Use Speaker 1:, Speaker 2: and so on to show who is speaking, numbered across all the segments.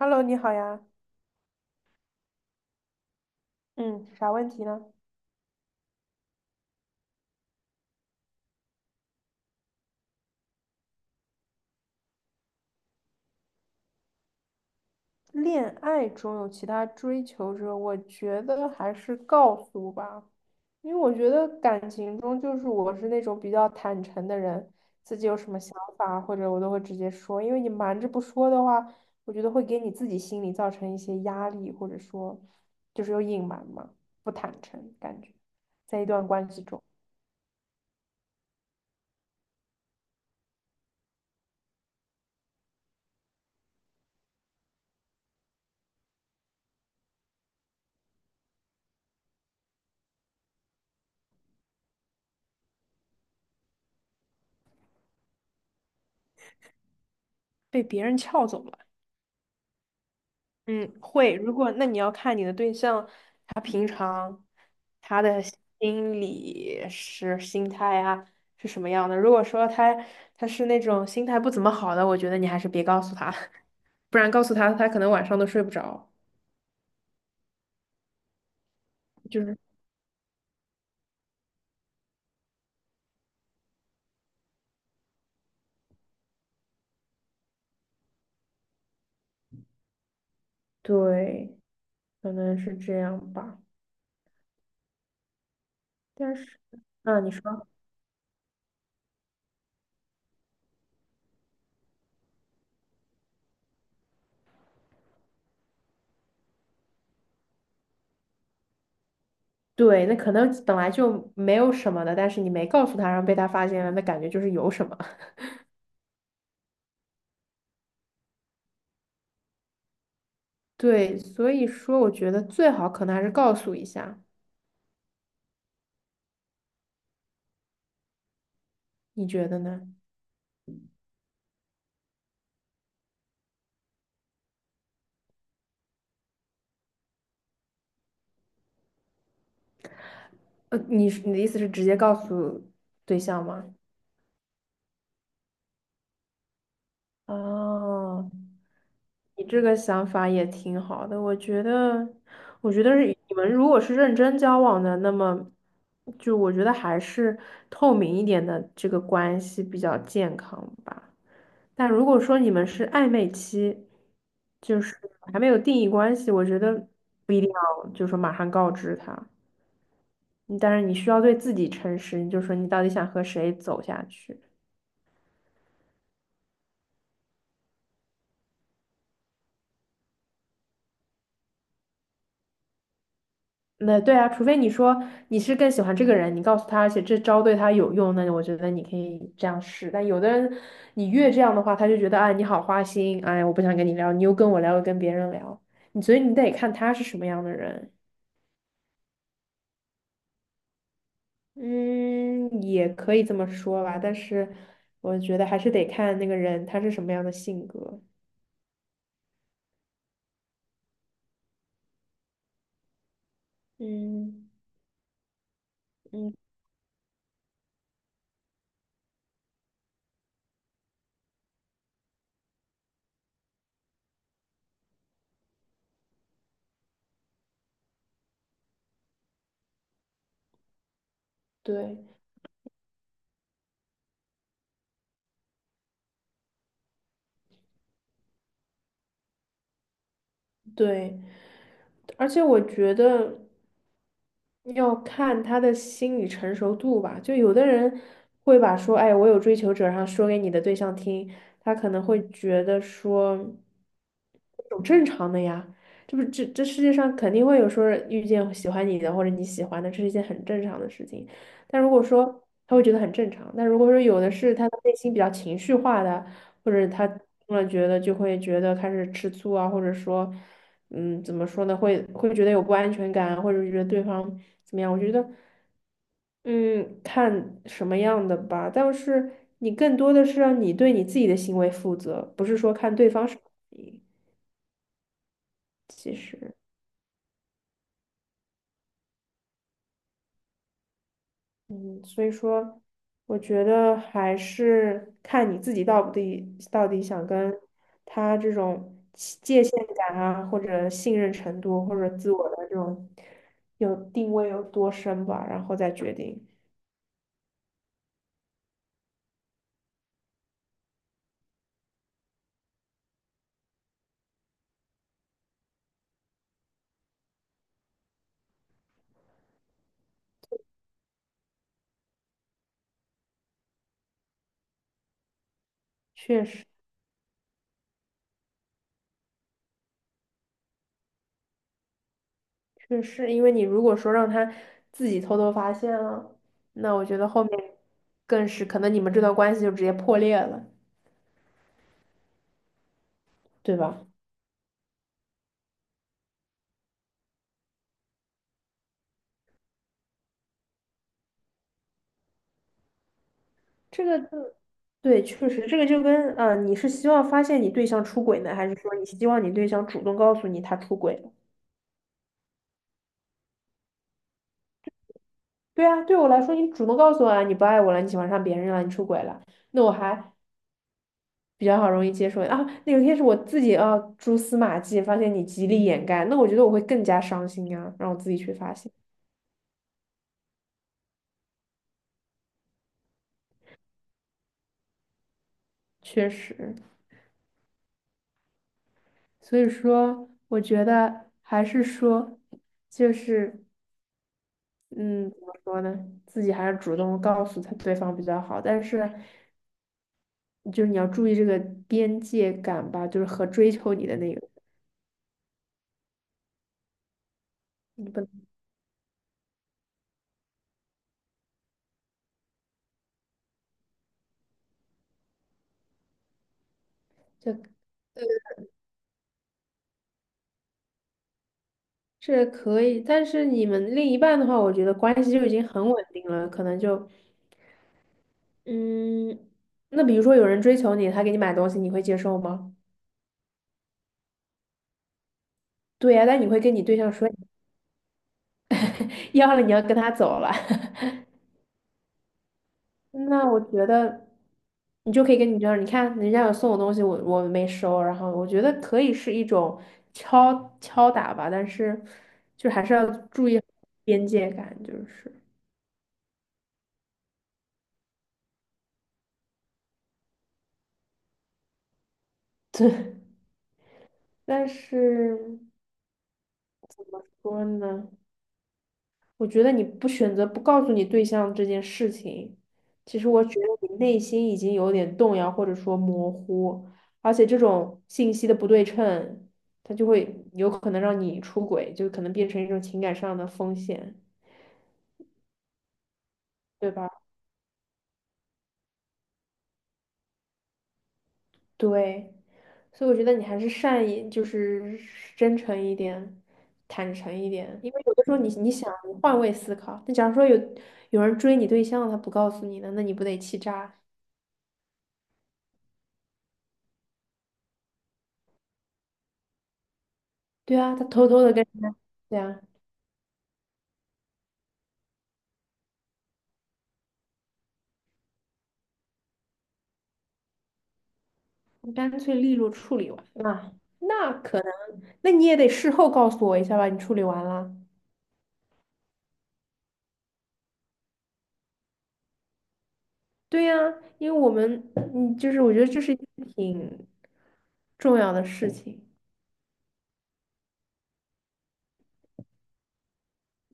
Speaker 1: Hello，你好呀，嗯，啥问题呢？恋爱中有其他追求者，我觉得还是告诉吧，因为我觉得感情中我是那种比较坦诚的人，自己有什么想法或者我都会直接说，因为你瞒着不说的话，我觉得会给你自己心里造成一些压力，或者说就是有隐瞒嘛，不坦诚感觉，在一段关系中被别人撬走了。嗯，会。如果那你要看你的对象。心理是心态啊，是什么样的？如果说他是那种心态不怎么好的，我觉得你还是别告诉他，不然告诉他，他可能晚上都睡不着。就是对，可能是这样吧。但是，啊，你说对，那可能本来就没有什么的，但是你没告诉他，然后被他发现了，那感觉就是有什么。对，所以说我觉得最好可能还是告诉一下，你觉得呢？你是你的意思是直接告诉对象吗？哦，你这个想法也挺好的，我觉得，我觉得是你们如果是认真交往的，那么就我觉得还是透明一点的这个关系比较健康吧。但如果说你们是暧昧期，就是还没有定义关系，我觉得不一定要就说马上告知他，但是你需要对自己诚实，你就说你到底想和谁走下去。那对啊，除非你说你是更喜欢这个人，你告诉他，而且这招对他有用，那我觉得你可以这样试。但有的人，你越这样的话，他就觉得，哎，你好花心，哎，我不想跟你聊，你又跟我聊，又跟别人聊，你所以你得看他是什么样的人。嗯，也可以这么说吧，但是我觉得还是得看那个人他是什么样的性格。嗯嗯，对对。而且我觉得要看他的心理成熟度吧。就有的人会把说，哎，我有追求者，然后说给你的对象听，他可能会觉得说，有正常的呀，这不这这世界上肯定会有说遇见喜欢你的或者你喜欢的，这是一件很正常的事情。但如果说他会觉得很正常，但如果说有的是他的内心比较情绪化的，或者他突然觉得就会觉得开始吃醋啊，或者说。嗯，怎么说呢？会觉得有不安全感，或者是觉得对方怎么样？我觉得，嗯，看什么样的吧。但是你更多的是让你对你自己的行为负责，不是说看对方是你。其实，嗯，所以说，我觉得还是看你自己到底想跟他这种界限感啊，或者信任程度，或者自我的这种有定位有多深吧，然后再决定。确实。确实，因为你如果说让他自己偷偷发现了，那我觉得后面更是可能你们这段关系就直接破裂了，对吧？这个就对，确实，这个就跟啊，你是希望发现你对象出轨呢，还是说你希望你对象主动告诉你他出轨了？对啊，对我来说，你主动告诉我啊，你不爱我了，你喜欢上别人了，你出轨了，那我还比较好容易接受啊。那有一天是我自己啊蛛丝马迹，发现你极力掩盖，那我觉得我会更加伤心啊，让我自己去发现，确实。所以说，我觉得还是说，就是嗯，怎么说呢？自己还是主动告诉他对方比较好，但是就是你要注意这个边界感吧，就是和追求你的那个，你不能这是可以，但是你们另一半的话，我觉得关系就已经很稳定了，可能就嗯，那比如说有人追求你，他给你买东西，你会接受吗？对呀、但你会跟你对象说，要了你要跟他走了。那我觉得你就可以跟你这样，你看人家有送我东西，我没收，然后我觉得可以是一种敲敲打吧，但是就还是要注意边界感，就是。但是怎么说呢，我觉得你不选择不告诉你对象这件事情，其实我觉得你内心已经有点动摇或者说模糊，而且这种信息的不对称，它就会有可能让你出轨，就可能变成一种情感上的风险。对吧？对，所以我觉得你还是善意，就是真诚一点，坦诚一点，因为有的时候你想你换位思考，那假如说有人追你对象，他不告诉你呢，那你不得气炸？对啊，他偷偷的跟人家，对啊，你干脆利落处理完，那那可能，那你也得事后告诉我一下吧，你处理完了。对呀，因为我们，嗯，就是我觉得这是一件挺重要的事情。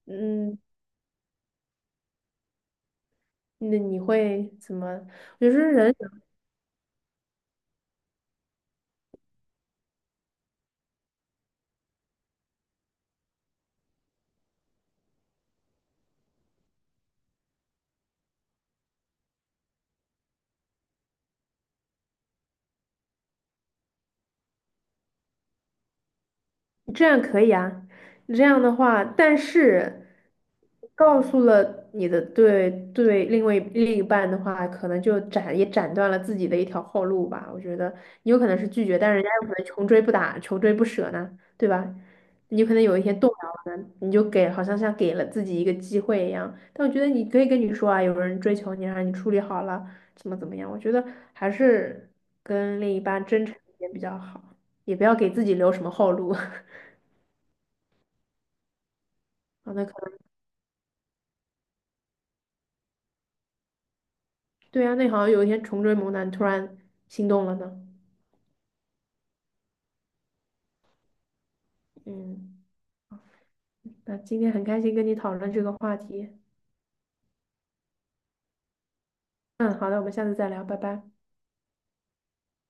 Speaker 1: 嗯，那你会怎么？有时候人这样可以啊，这样的话，但是告诉了你的另一半的话，可能就斩断了自己的一条后路吧。我觉得你有可能是拒绝，但人家有可能穷追不打，穷追不舍呢，对吧？你有可能有一天动摇了，你就给好像像给了自己一个机会一样。但我觉得你可以跟你说啊，有人追求你啊，让你处理好了，怎么怎么样？我觉得还是跟另一半真诚一点比较好，也不要给自己留什么后路。好的，那可能对啊，那好像有一天重追猛男突然心动了呢。嗯，那今天很开心跟你讨论这个话题。嗯，好的，我们下次再聊，拜拜。